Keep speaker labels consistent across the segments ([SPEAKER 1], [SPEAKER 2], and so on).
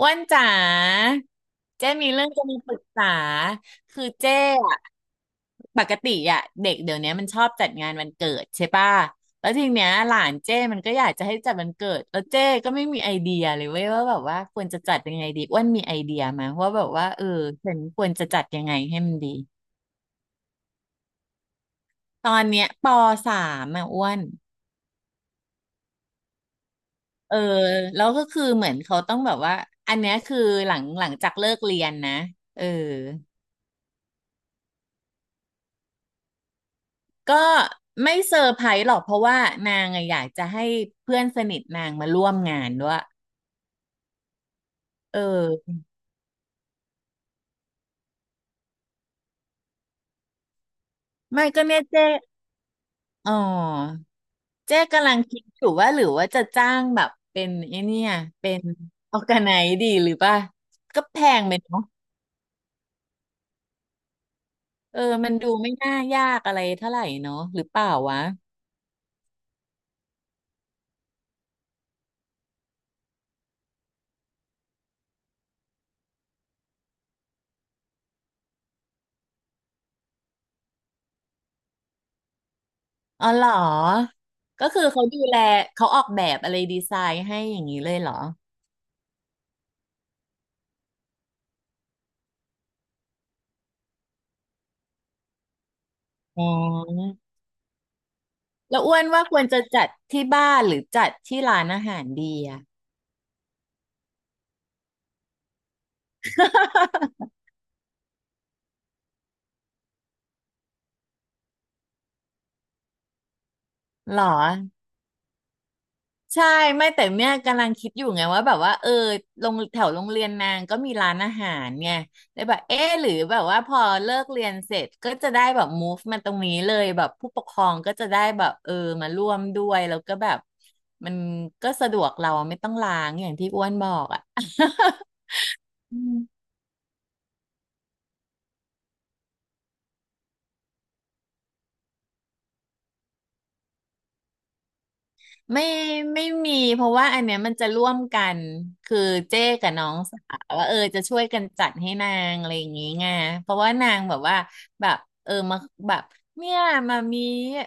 [SPEAKER 1] อ้วนจ๋าเจ้มีเรื่องจะมาปรึกษาคือเจ้อะปกติอะเด็กเดี๋ยวนี้มันชอบจัดงานวันเกิดใช่ป่ะแล้วทีเนี้ยหลานเจ้มันก็อยากจะให้จัดวันเกิดแล้วเจ้ก็ไม่มีไอเดียเลยเว้ยว่าแบบว่าควรจะจัดยังไงดีอ้วนมีไอเดียมาว่าแบบว่าเออฉันควรจะจัดยังไงให้มันดีตอนเนี้ยปสามอะอ้วนเออแล้วก็คือเหมือนเขาต้องแบบว่าอันเนี้ยคือหลังจากเลิกเรียนนะเออ ก็ไม่เซอร์ไพรส์หรอกเพราะว่านางอะอยากจะให้เพื่อนสนิทนางมาร่วมงานด้วยเออไม่ก็เนี่ยเจ๊อ๋อเจ๊กำลังคิดอยู่ว่าหรือว่าจะจ้างแบบเป็นไอ้เนี่ยเป็นออร์แกไนดีหรือป่ะก็แพงไปเนาะเออมันดูไม่น่ายากอะไรเท่าไหร่เนาะหรือเปล่าวะอ๋อเหรอก็คือเขาดูแลเขาออกแบบอะไรดีไซน์ให้อย่างนี้เลยเหรออ๋อ แล้วอ้วนว่าควรจะจัดที่บ้านหรือจัดที่ร้านอาหารดีอะหรอใช่ไม่แต่เมี่ยกำลังคิดอยู่ไงว่าแบบว่าเออโรงแถวโรงเรียนนางก็มีร้านอาหารไงเลยแบบเอ๊ะหรือแบบว่าพอเลิกเรียนเสร็จก็จะได้แบบ move มาตรงนี้เลยแบบผู้ปกครองก็จะได้แบบเออมาร่วมด้วยแล้วก็แบบมันก็สะดวกเราไม่ต้องล้างอย่างที่อ้วนบอกอะ อืม ไม่ไม่มีเพราะว่าอันเนี้ยมันจะร่วมกันคือเจ๊กับน้องสาวว่าเออจะช่วยกันจัดให้นางอะไรอย่างงี้ไงเพราะว่านางแบบว่าแบบเออมาแบบเนี่ยมามี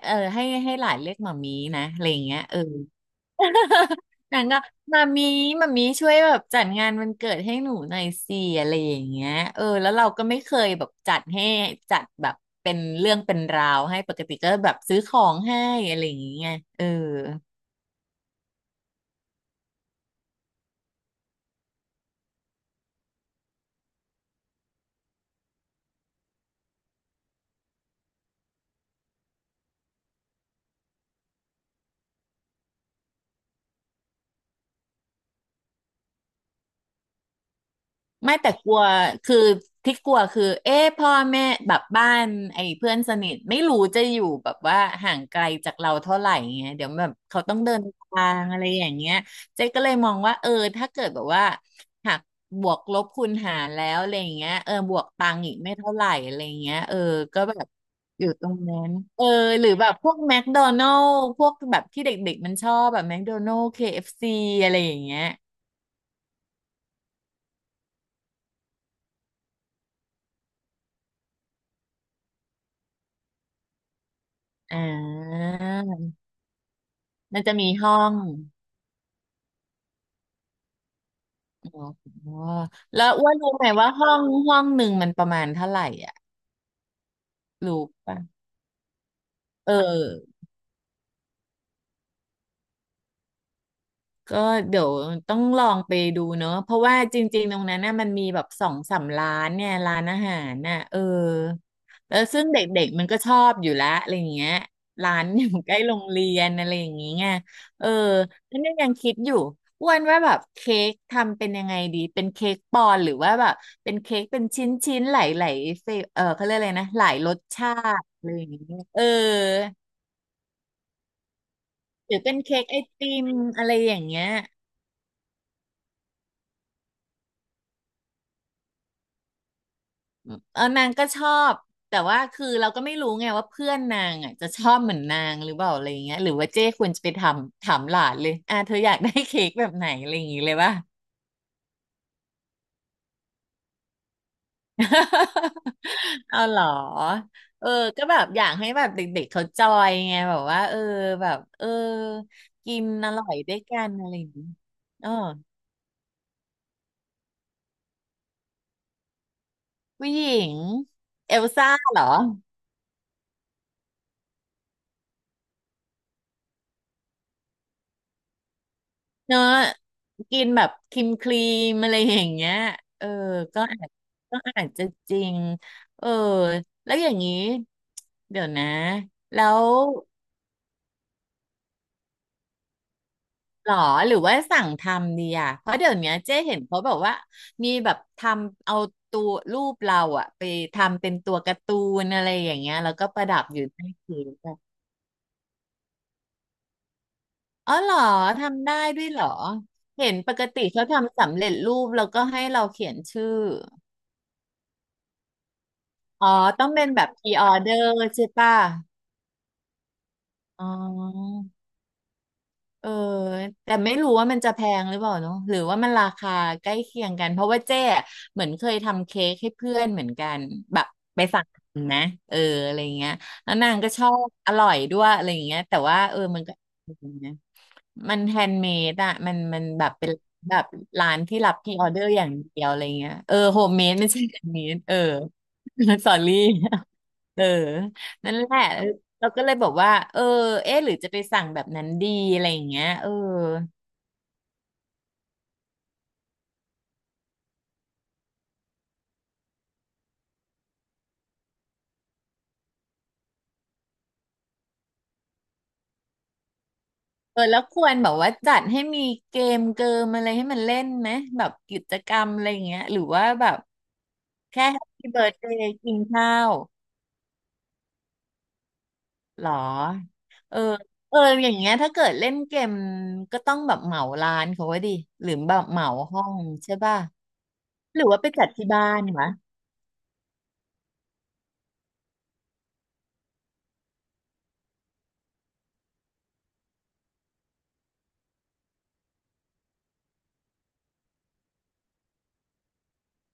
[SPEAKER 1] เออให้ให้หลานเรียกมามีนะอะไรอย่างเงี้ยเออ นางก็มามีมามีช่วยแบบจัดงานวันเกิดให้หนูหน่อยสิอะไรอย่างเงี้ยเออแล้วเราก็ไม่เคยแบบจัดให้จัดแบบเป็นเรื่องเป็นราวให้ปกติก็แบบซื้อของให้อะไรอย่างเงี้ยเออ ไม่แต่กลัวคือที่กลัวคือ เอ๊ะพ่อแม่แบบบ้านไอ้เพื่อนสนิทไม่รู้จะอยู่แบบว่าห่างไกลจากเราเท่าไหร่เงี้ยเดี๋ยวแบบเขาต้องเดินทางอะไรอย่างเงี้ยเจ๊ก็เลยมองว่าเออถ้าเกิดแบบว่าหักบวกลบคูณหารแล้วอะไรอย่างเงี้ยเออบวกตังค์อีกไม่เท่าไหร่อะไรอย่างเงี้ยเออก็แบบอยู่ตรงนั้นเออหรือแบบพวกแมคโดนัลล์พวกแบบที่เด็กๆมันชอบแบบแมคโดนัลล์ KFC อฟซีอะไรอย่างเงี้ยอ่า มันจะมีห้องอ๋อแล้วอ้วนรู้ไหมว่าห้องหนึ่งมันประมาณเท่าไหร่อ่ะรู้ป่ะเออ ก็เดี๋ยวต้องลองไปดูเนอะ เพราะว่าจริงๆตรงนั้นน่ะมันมีแบบสองสามร้านเนี่ยร้านอาหารน่ะเออแล้วซึ่งเด็กๆมันก็ชอบอยู่และอะไรอย่างเงี้ยร้านอยู่ ใกล้โรงเรียนอะไรอย่างเงี้ยเออแล้วเนี่ยยังคิดอยู่อ้วนว่าแบบเค้กทำเป็นยังไงดีเป็นเค้กปอนด์หรือว่าแบบเป็นเค้กเป็นชิ้นๆหลายๆเฟเออเขาเรียกอะไรนะหลายรสชาติอะไรอย่างเงี้ยเออหรือเป็นเค้กไอติมอะไรอย่างเงี้ย เออนางก็ชอบแต่ว่าคือเราก็ไม่รู้ไงว่าเพื่อนนางอ่ะจะชอบเหมือนนางหรือเปล่าอะไรอย่างเงี้ยหรือว่าเจ้ควรจะไปทำถามหลานเลยอ่ะเธออยากได้เค้กแบบไหนอะไรอย่างงี้เลยป่ะ เอาเหรอเออก็แบบอยากให้แบบเด็กๆเขาจอยไงแบบว่าเออแบบเออกินอร่อยด้วยกันอะไรอย่างงี้อ๋อผู้หญิงเอลซ่าเหรอ เนอะกินแบบครีมครีมอะไรอย่างเงี้ยเออก็อาจก็อาจจะจริงเออแล้วอย่างนี้เดี๋ยวนะแล้วหรอหรือว่าสั่งทำดีอ่ะเพราะเดี๋ยวเนี้ยเจ๊เห็นเขาแบบว่ามีแบบทำเอาตัวรูปเราอะไปทำเป็นตัวการ์ตูนอะไรอย่างเงี้ยแล้วก็ประดับอยู่ใต้เค้กอะอ๋อเหรอทำได้ด้วยเหรอเห็นปกติเขาทำสำเร็จรูปแล้วก็ให้เราเขียนชื่อ อ๋อ ต้องเป็นแบบ pre order ใช่ป่ะอ๋อ เออแต่ไม่รู้ว่ามันจะแพงหรือเปล่าเนาะหรือว่ามันราคาใกล้เคียงกันเพราะว่าเจ๊อะเหมือนเคยทำเค้กให้เพื่อนเหมือนกันแบบไปสั่งนะเอออะไรเงี้ยแล้วนางก็ชอบอร่อยด้วยอะไรเงี้ยแต่ว่าเออมันก็นะมันแฮนด์เมดอะมันแบบเป็นแบบร้านที่รับพรีออเดอร์อย่างเดียวอะไรเงี้ยเออโฮมเมดไม่ใช่ แฮนด์เมดเออ สอรี่เออนั่นแหละ เราก็เลยบอกว่าเออเอ๊ะหรือจะไปสั่งแบบนั้นดีอะไรอย่างเงี้ยเออเออแล้วควรแบบว่าจัดให้มีเกมเกิมอะไรให้มันเล่นไหมแบบกิจกรรมอะไรอย่างเงี้ยหรือว่าแบบแค่แฮปปี้เบิร์ a เดย์กินข้าวหรอเออเอออย่างเงี้ยถ้าเกิดเล่นเกมก็ต้องแบบเหมาร้านเขาไว้ดิหรือแบบเหมาห้องใช่ป่ะหรือว่าไปจัดที่บ้านวะ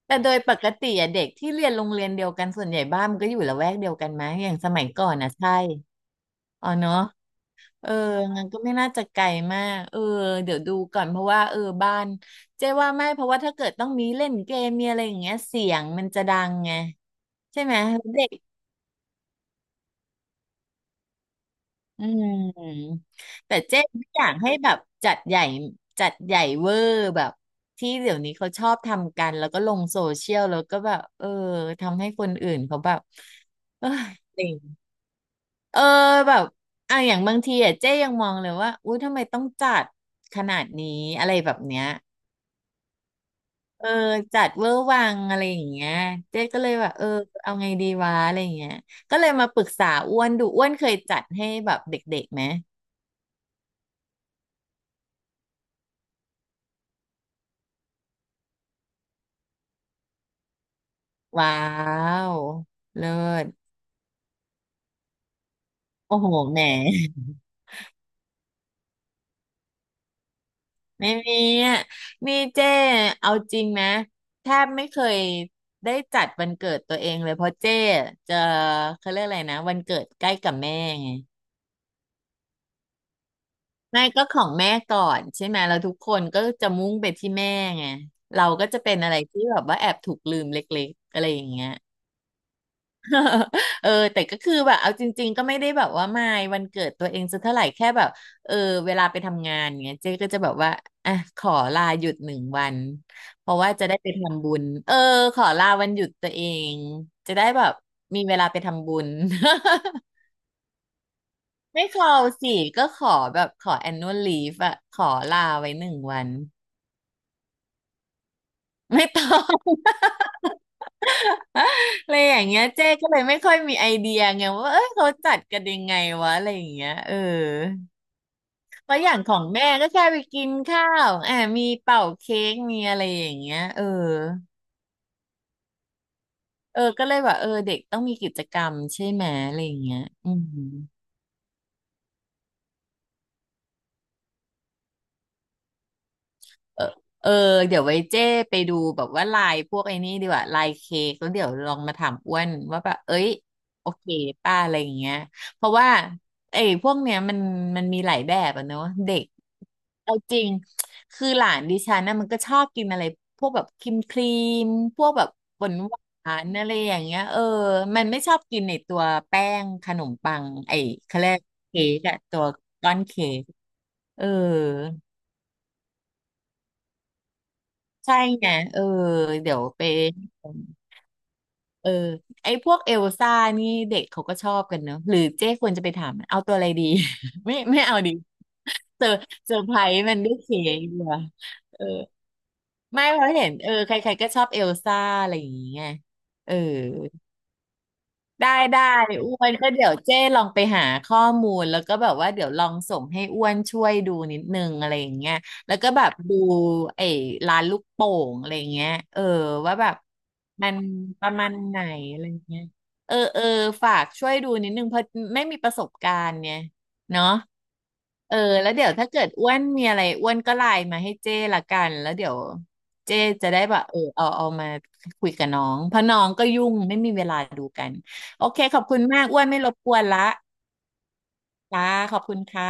[SPEAKER 1] แต่โดยปกติอะเด็กที่เรียนโรงเรียนเดียวกันส่วนใหญ่บ้านมันก็อยู่ละแวกเดียวกันมั้ยอย่างสมัยก่อนนะใช่อ๋อเนาะเอองั้นก็ไม่น่าจะไกลมากเออเดี๋ยวดูก่อนเพราะว่าเออบ้านเจ๊ว่าไม่เพราะว่าถ้าเกิดต้องมีเล่นเกมมีอะไรอย่างเงี้ยเสียงมันจะดังไงใช่ไหมเด็ก อืมแต่เจ๊ไม่อยากให้แบบจัดใหญ่จัดใหญ่เวอร์แบบที่เดี๋ยวนี้เขาชอบทำกันแล้วก็ลงโซเชียลแล้วก็แบบเออทำให้คนอื่นเขาแบบเอยอะไยงเ้เออแบบอ่ะอย่างบางทีอ่ะเจ๊ยังมองเลยว่าอุ้ยทำไมต้องจัดขนาดนี้อะไรแบบเนี้ยเออจัดเวอร์วังอะไรอย่างเงี้ยเจ๊ก็เลยแบบเออเอาไงดีวะอะไรอย่างเงี้ยก็เลยมาปรึกษาอ้วนดูอ้วนเคยจัดให้แบบเด็กๆไหม ว้าวเลิศโอ้โหแหม ไม่มีอ่ะนี่เจ้เอาจริงนะแทบไม่เคยได้จัดวันเกิดตัวเองเลยเพราะเจ้จะเขาเรียกอะไรนะวันเกิดใกล้กับแม่ไงไม่ก็ของแม่ก่อนใช่ไหมแล้วทุกคนก็จะมุ่งไปที่แม่ไงเราก็จะเป็นอะไรที่แบบว่าแอบถูกลืมเล็กๆอะไรอย่างเงี้ย เออแต่ก็คือแบบเอาจริงๆก็ไม่ได้แบบว่ามายวันเกิดตัวเองสักเท่าไหร่แค่แบบเออเวลาไปทำงานเงี้ยเจ๊ก็จะแบบว่าอ่ะขอลาหยุดหนึ่งวันเพราะว่าจะได้ไปทำบุญเออขอลาวันหยุดตัวเองจะได้แบบมีเวลาไปทำบุญ ไม่ขอสิก็ขอแบบขอ annual leave อะขอลาไว้หนึ่งวันไม่ต้อง อะไรอย่างเงี้ยเจ๊ก็เลยไม่ค่อยมีไอเดียไงว่าเอ้ยเขาจัดกันยังไงวะอะไรอย่างเงี้ยเออ ว่าะอย่างของแม่ก็แค่ไปกินข้าวอ่ามีเป่าเค้กมีอะไรอย่างเงี้ยเออเออ ก็เลยแบบเออเด็กต้องมีกิจกรรมใช่ไหม อะไรอย่างเงี้ยอืม เออเออ เดี๋ยวไว้เจ้ไปดูแบบว่าลายพวกไอ้นี่ดีกว่าลายเค้กแล้วเดี๋ยวลองมาถามอ้วนว่าแบบเอ้ยโอเคป้าอะไรอย่างเงี้ยเพราะว่าไอ้พวกเนี้ยมันมีหลายแบบอะเนอะเด็กเอาจริงคือหลานดิฉันนะมันก็ชอบกินอะไรพวกแบบครีมครีมพวกแบบหวานหวานอะไรอย่างเงี้ยเออมันไม่ชอบกินในตัวแป้งขนมปังไอ้เขาเรียกเค้กอะตัวก้อนเค้กเออ ใช่ไงเออเดี๋ยวไปเออไอ้พวกเอลซ่านี่เด็กเขาก็ชอบกันเนอะหรือเจ๊ควรจะไปถามมันเอาตัวอะไรดี ไม่เอาดีเซอร์เซอร์ไพรส์มันด้วยเค้กเหรอเออไม่เพราะเห็นเออใครๆก็ชอบเอลซ่าอะไรอย่างเงี้ยเออ ได้ได้อ้วนก็เดี๋ยวเจ้ลองไปหาข้อมูลแล้วก็แบบว่าเดี๋ยวลองส่งให้อ้วนช่วยดูนิดนึงอะไรอย่างเงี้ยแล้วก็แบบดูไอ้ร้านลูกโป่งอะไรอย่างเงี้ยเออว่าแบบมันประมาณไหนอะไรอย่างเงี้ยเออเออฝากช่วยดูนิดนึงเพราะไม่มีประสบการณ์เนี่ยเนาะเออแล้วเดี๋ยวถ้าเกิดอ้วนมีอะไรอ้วนก็ไลน์มาให้เจ้ละกันแล้วเดี๋ยวเจ้จะได้แบบเออเอามาคุยกับน้องเพราะน้องก็ยุ่งไม่มีเวลาดูกัน โอเคขอบคุณมากอ้วนไม่รบกวนละจ้าขอบคุณค่ะ